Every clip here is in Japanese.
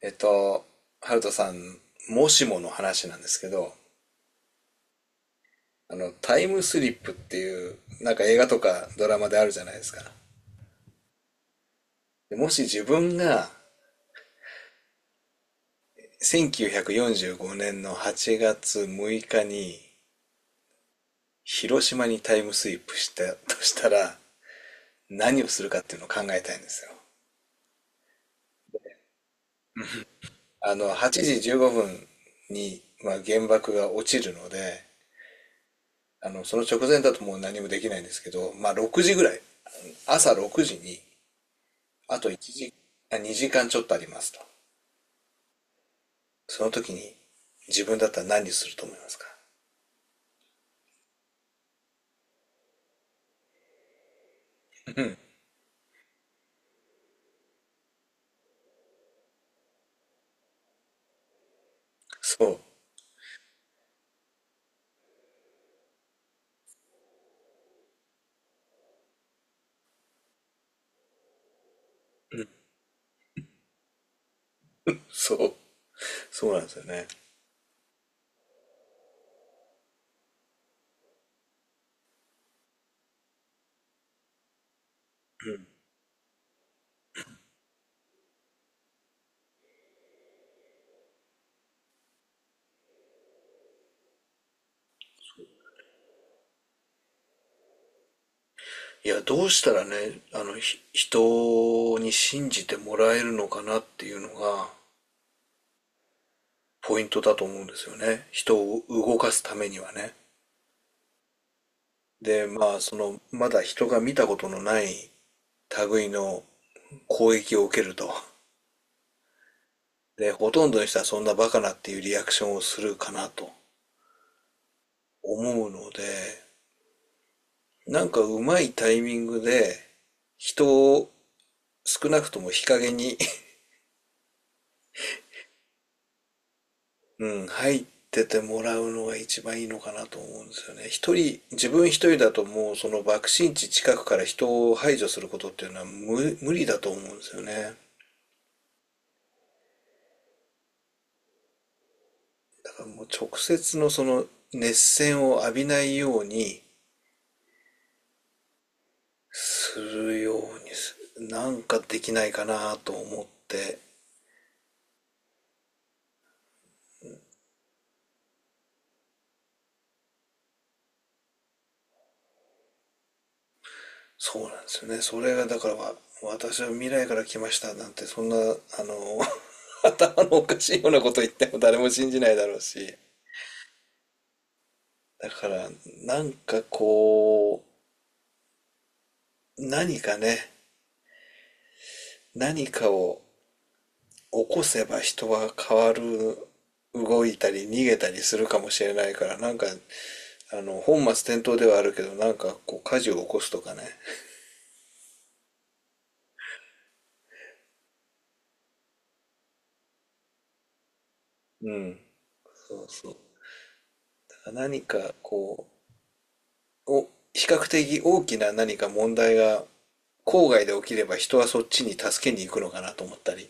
えっと、ハルトさん、もしもの話なんですけど、タイムスリップっていう、なんか映画とかドラマであるじゃないですか。でもし自分が1945年の8月6日に広島にタイムスリップしたとしたら、何をするかっていうのを考えたいんですよ。8時15分に、まあ、原爆が落ちるので、その直前だともう何もできないんですけど、まあ、6時ぐらい、朝6時に、あと1時、2時間ちょっとありますと。その時に自分だったら、何すると思いますか？そう、そう、そうなんですよね。いや、どうしたらね、人に信じてもらえるのかなっていうのがポイントだと思うんですよね。人を動かすためにはね。で、まあ、まだ人が見たことのない類の攻撃を受けると。で、ほとんどの人はそんなバカなっていうリアクションをするかなと思うので、なんかうまいタイミングで、人を少なくとも日陰に うん、入っててもらうのが一番いいのかなと思うんですよね。一人、自分一人だともう、その爆心地近くから人を排除することっていうのは、無理だと思うんですよね。だからもう、直接のその熱線を浴びないようにするようにす、なんかできないかなと思って。そうなんですよね。それがだから、私は未来から来ましたなんて、そんな頭のおかしいようなこと言っても、誰も信じないだろうし。だから、なんかこう何かね、何かを起こせば人は変わる、動いたり逃げたりするかもしれないから、なんか本末転倒ではあるけど、なんかこう火事を起こすとかね。うん。そうそう。だから何かこう比較的大きな何か問題が郊外で起きれば、人はそっちに助けに行くのかなと思ったり。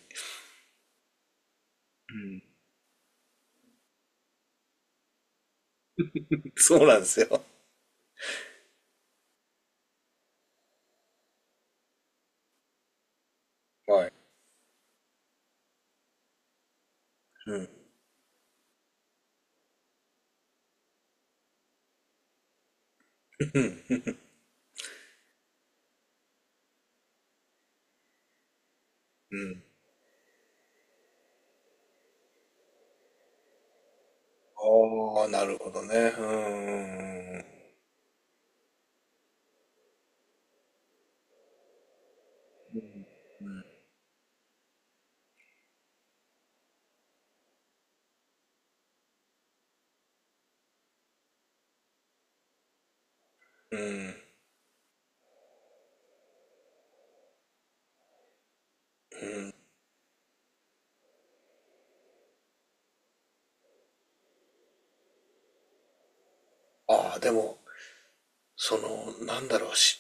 うん。そうなんですよ。はい。うん。うん。うん。ああ、なるほどね。うん。うん。うん。ああ、でも、なんだろうし、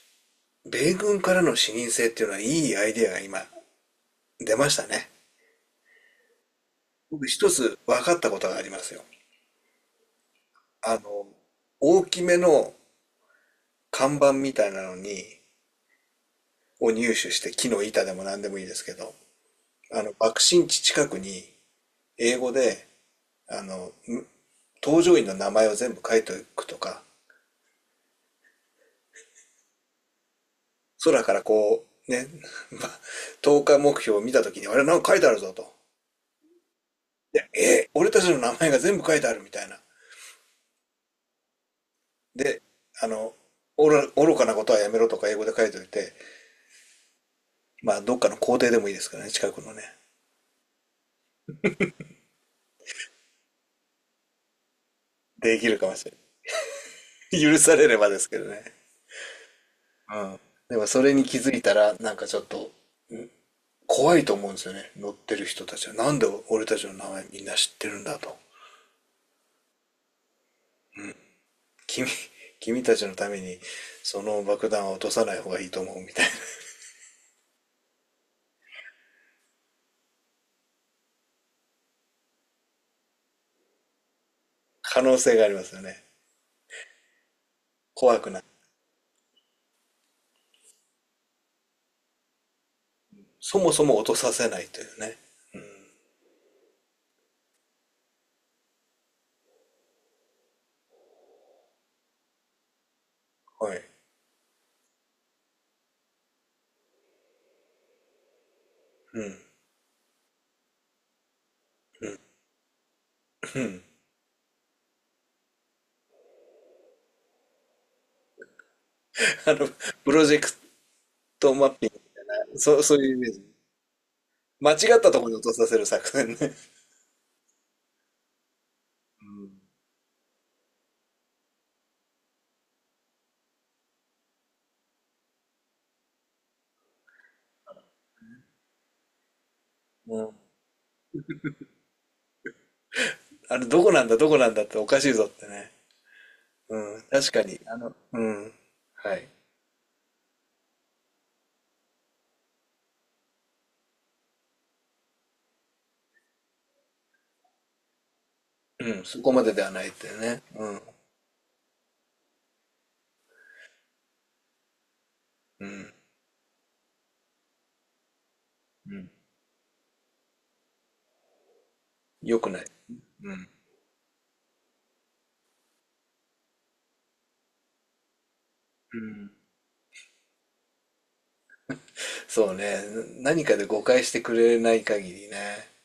米軍からの視認性っていうのはいいアイデアが今出ましたね。僕一つ分かったことがありますよ。あの、大きめの看板みたいなのに、を入手して、木の板でも何でもいいですけど、爆心地近くに、英語で、あの、搭乗員の名前を全部書いておくとか、空からこう、ね 投下目標を見たときに、あれ、なんか書いてあるぞと。で、俺たちの名前が全部書いてあるみたいな。で、あの、愚かなことはやめろとか英語で書いておいて、まあ、どっかの校庭でもいいですからね、近くのね。できるかもしれない 許されればですけどね。うん。でも、それに気づいたら、なんかちょっと、怖いと思うんですよね。乗ってる人たちは。なんで俺たちの名前みんな知ってるんだと。君、君たちのためにその爆弾は落とさない方がいいと思うみたいな。可能性がありますよね。怖くない？そもそも落とさせないというね。はい。うん。うん。あの、プロジェクトマッピング。そう、そういうイメージ。間違ったところに落とさせる作戦ね。うん。あれ、どこなんだ、どこなんだっておかしいぞってね。うん。確かに。うん。はい。うん。そこまでではないってね。うん。うん。うん。よくない。うん。うん。そうね。何かで誤解してくれない限りね。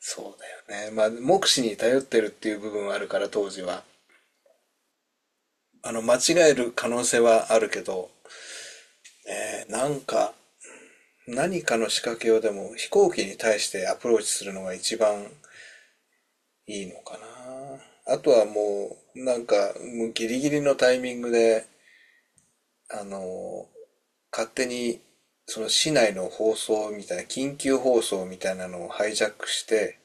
そうだよね。まあ、目視に頼ってるっていう部分はあるから、当時は。間違える可能性はあるけど、ね、なんか、何かの仕掛けをでも飛行機に対してアプローチするのが一番いいのかな。あとはもう、なんか、もうギリギリのタイミングで、あの、勝手に、その市内の放送みたいな、緊急放送みたいなのをハイジャックして、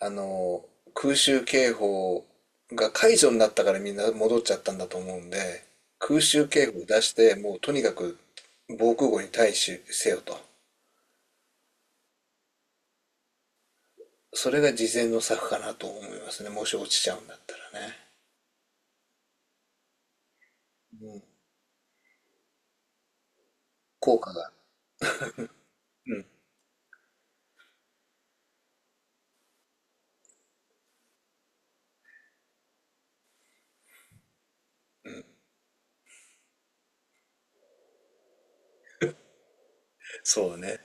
あの、空襲警報が解除になったからみんな戻っちゃったんだと思うんで、空襲警報を出して、もうとにかく防空壕に対しせよと。それが事前の策かなと思いますね。もし落ちちゃうんだったらね。効果が。うん。そうね。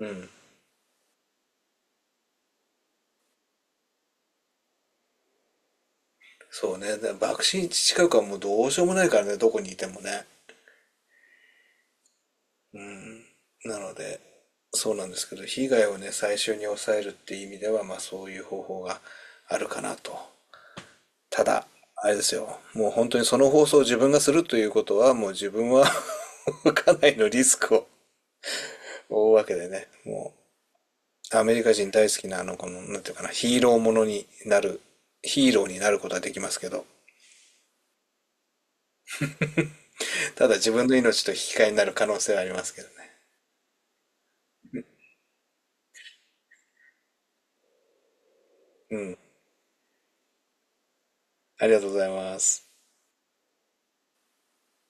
うん。そうね。で爆心地近くはもうどうしようもないからね、どこにいてもね。なので、そうなんですけど、被害をね、最終に抑えるっていう意味では、まあそういう方法があるかなと。ただ、あれですよ。もう本当にその放送を自分がするということは、もう自分は かなりのリスクを負うわけでね。もう、アメリカ人大好きななんていうかな、ヒーローになることはできますけど、ただ自分の命と引き換えになる可能性はありますけどね。うん。ありがとうございます。